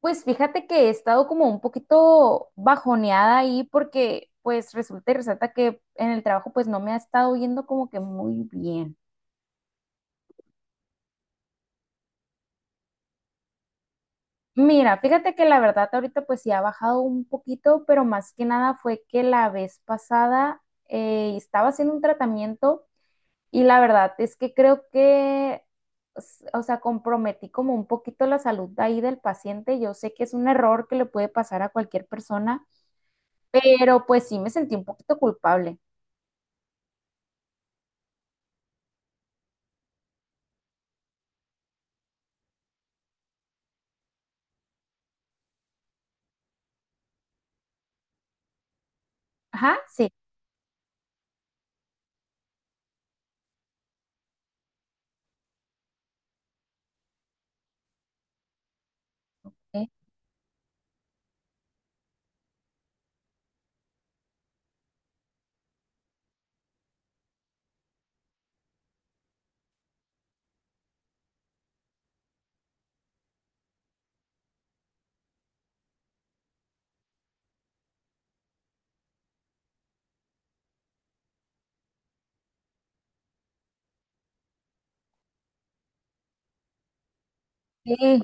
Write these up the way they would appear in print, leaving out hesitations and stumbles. Pues fíjate que he estado como un poquito bajoneada ahí porque pues resulta y resalta que en el trabajo pues no me ha estado yendo como que muy bien. Mira, fíjate que la verdad ahorita pues sí ha bajado un poquito, pero más que nada fue que la vez pasada estaba haciendo un tratamiento y la verdad es que creo que, o sea, comprometí como un poquito la salud de ahí del paciente. Yo sé que es un error que le puede pasar a cualquier persona, pero pues sí me sentí un poquito culpable. Ajá, sí, sí.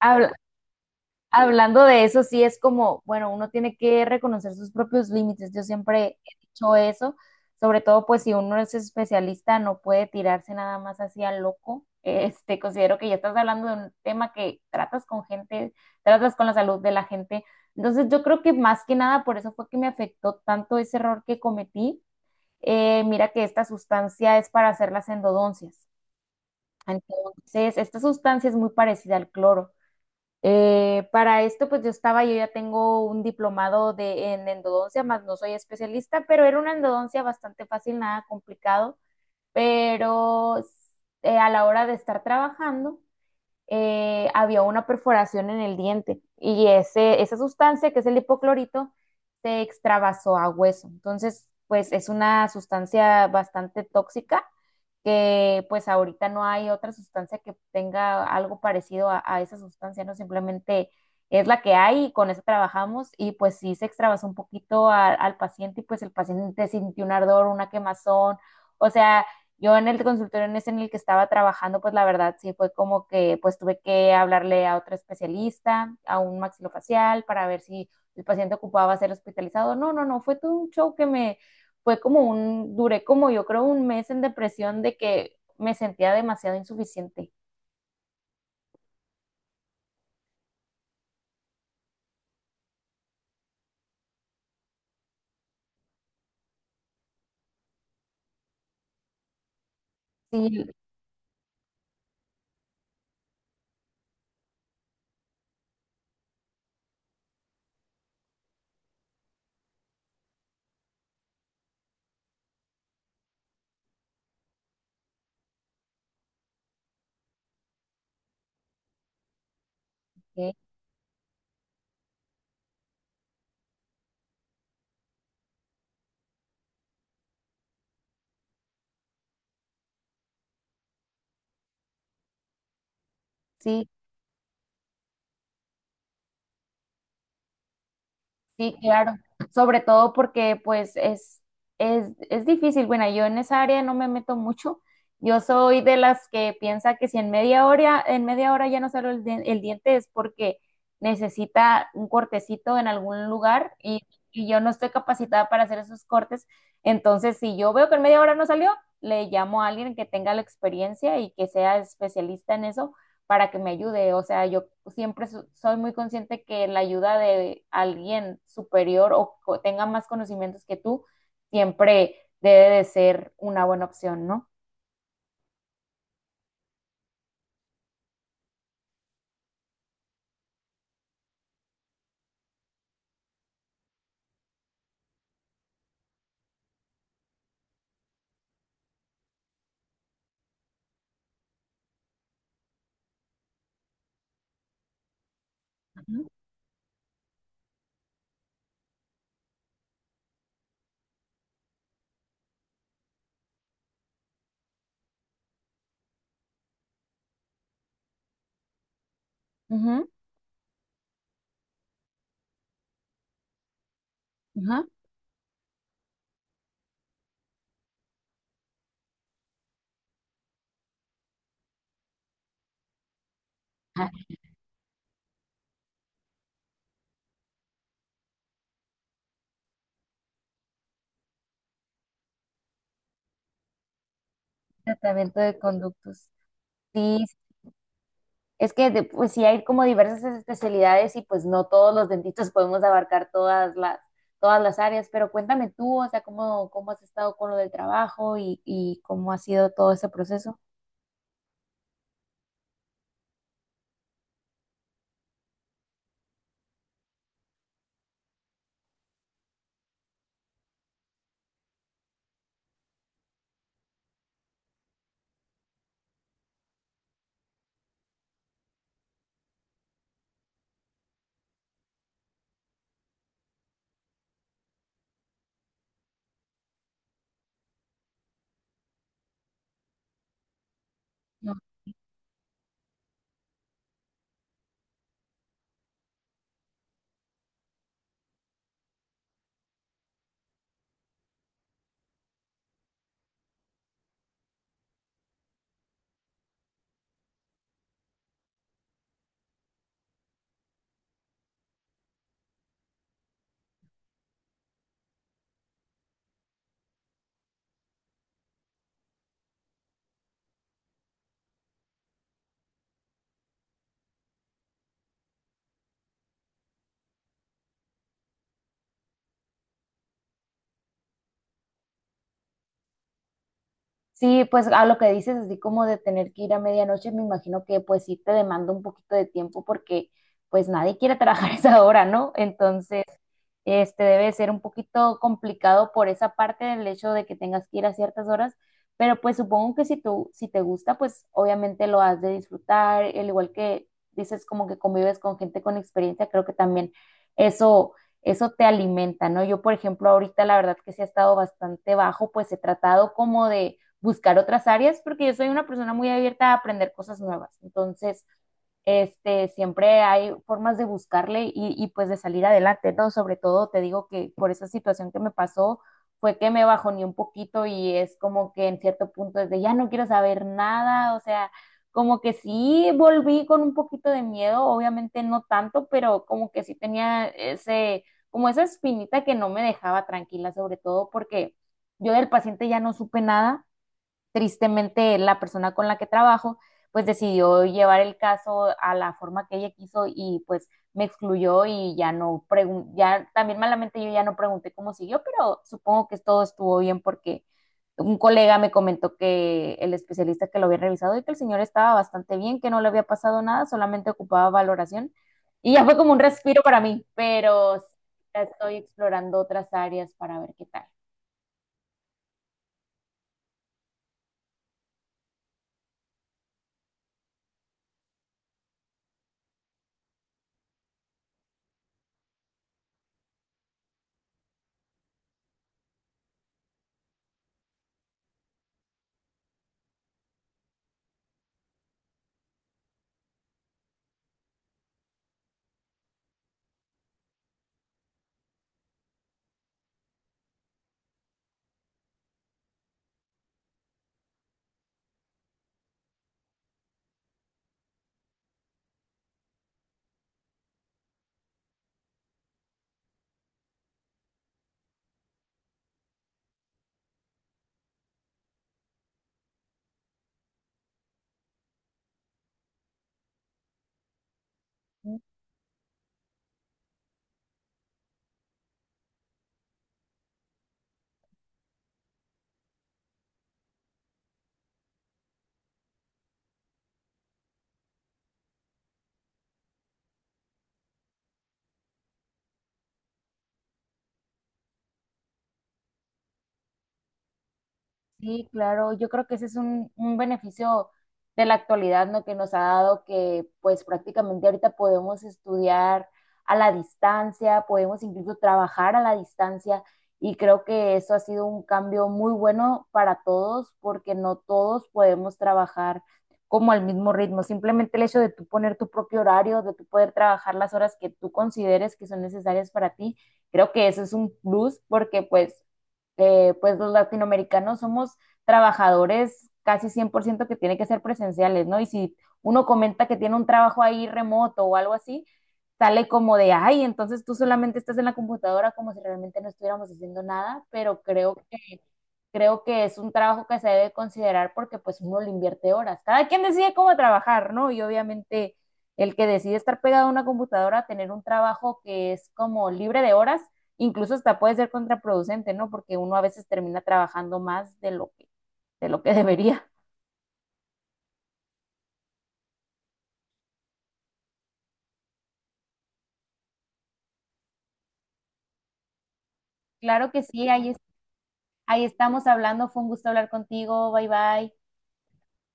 Habla- Hablando de eso, sí es como, bueno, uno tiene que reconocer sus propios límites. Yo siempre he dicho eso, sobre todo pues si uno es especialista, no puede tirarse nada más así al loco. Este, considero que ya estás hablando de un tema que tratas con gente, tratas con la salud de la gente. Entonces, yo creo que más que nada por eso fue que me afectó tanto ese error que cometí. Mira que esta sustancia es para hacer las endodoncias. Entonces, esta sustancia es muy parecida al cloro. Para esto, pues yo estaba, yo ya tengo un diplomado de, en endodoncia, más no soy especialista, pero era una endodoncia bastante fácil, nada complicado, pero a la hora de estar trabajando, había una perforación en el diente y ese, esa sustancia, que es el hipoclorito, se extravasó a hueso. Entonces, pues es una sustancia bastante tóxica que pues ahorita no hay otra sustancia que tenga algo parecido a esa sustancia, ¿no? Simplemente es la que hay y con eso trabajamos y pues sí se extravasó un poquito al paciente y pues el paciente sintió un ardor, una quemazón, o sea, yo en el consultorio en ese en el que estaba trabajando, pues la verdad sí fue como que pues tuve que hablarle a otro especialista, a un maxilofacial, para ver si el paciente ocupaba ser hospitalizado. No, no, no, fue todo un show que me fue como un, duré como yo creo un mes en depresión de que me sentía demasiado insuficiente. Sí, ok, sí, sí, claro, sobre todo porque pues es difícil. Bueno, yo en esa área no me meto mucho. Yo soy de las que piensa que si en media hora, en media hora ya no salió el diente es porque necesita un cortecito en algún lugar y yo no estoy capacitada para hacer esos cortes. Entonces, si yo veo que en media hora no salió, le llamo a alguien que tenga la experiencia y que sea especialista en eso para que me ayude. O sea, yo siempre soy muy consciente que la ayuda de alguien superior o tenga más conocimientos que tú siempre debe de ser una buena opción, ¿no? Ujú, ajá. Ah, tratamiento de conductos. Sí, es que pues sí hay como diversas especialidades y pues no todos los dentistas podemos abarcar todas las áreas, pero cuéntame tú, o sea, cómo, cómo has estado con lo del trabajo y cómo ha sido todo ese proceso. Sí, pues a lo que dices, así como de tener que ir a medianoche, me imagino que pues sí te demanda un poquito de tiempo porque pues nadie quiere trabajar esa hora, ¿no? Entonces… Este debe ser un poquito complicado por esa parte del hecho de que tengas que ir a ciertas horas, pero pues supongo que si tú, si te gusta, pues obviamente lo has de disfrutar, al igual que dices como que convives con gente con experiencia, creo que también eso, eso te alimenta, ¿no? Yo, por ejemplo, ahorita la verdad que sí ha estado bastante bajo, pues he tratado como de buscar otras áreas porque yo soy una persona muy abierta a aprender cosas nuevas. Entonces, este, siempre hay formas de buscarle y pues de salir adelante, ¿no? Sobre todo te digo que por esa situación que me pasó fue que me bajoneé un poquito y es como que en cierto punto es de ya no quiero saber nada, o sea, como que sí volví con un poquito de miedo, obviamente no tanto, pero como que sí tenía ese, como esa espinita que no me dejaba tranquila, sobre todo porque yo del paciente ya no supe nada, tristemente la persona con la que trabajo pues decidió llevar el caso a la forma que ella quiso y pues me excluyó y ya no pregunté, ya también malamente yo ya no pregunté cómo siguió, pero supongo que todo estuvo bien porque un colega me comentó que el especialista que lo había revisado y que el señor estaba bastante bien, que no le había pasado nada, solamente ocupaba valoración y ya fue como un respiro para mí, pero estoy explorando otras áreas para ver qué tal. Sí, claro, yo creo que ese es un beneficio de la actualidad, ¿no? Que nos ha dado que pues prácticamente ahorita podemos estudiar a la distancia, podemos incluso trabajar a la distancia y creo que eso ha sido un cambio muy bueno para todos porque no todos podemos trabajar como al mismo ritmo. Simplemente el hecho de tú poner tu propio horario, de tú poder trabajar las horas que tú consideres que son necesarias para ti, creo que eso es un plus porque pues pues los latinoamericanos somos trabajadores casi 100% que tiene que ser presenciales, ¿no? Y si uno comenta que tiene un trabajo ahí remoto o algo así, sale como de, ay, entonces tú solamente estás en la computadora como si realmente no estuviéramos haciendo nada, pero creo que es un trabajo que se debe considerar porque pues uno le invierte horas. Cada quien decide cómo trabajar, ¿no? Y obviamente el que decide estar pegado a una computadora, tener un trabajo que es como libre de horas, incluso hasta puede ser contraproducente, ¿no? Porque uno a veces termina trabajando más de lo que debería. Claro que sí, ahí, ahí estamos hablando. Fue un gusto hablar contigo. Bye bye.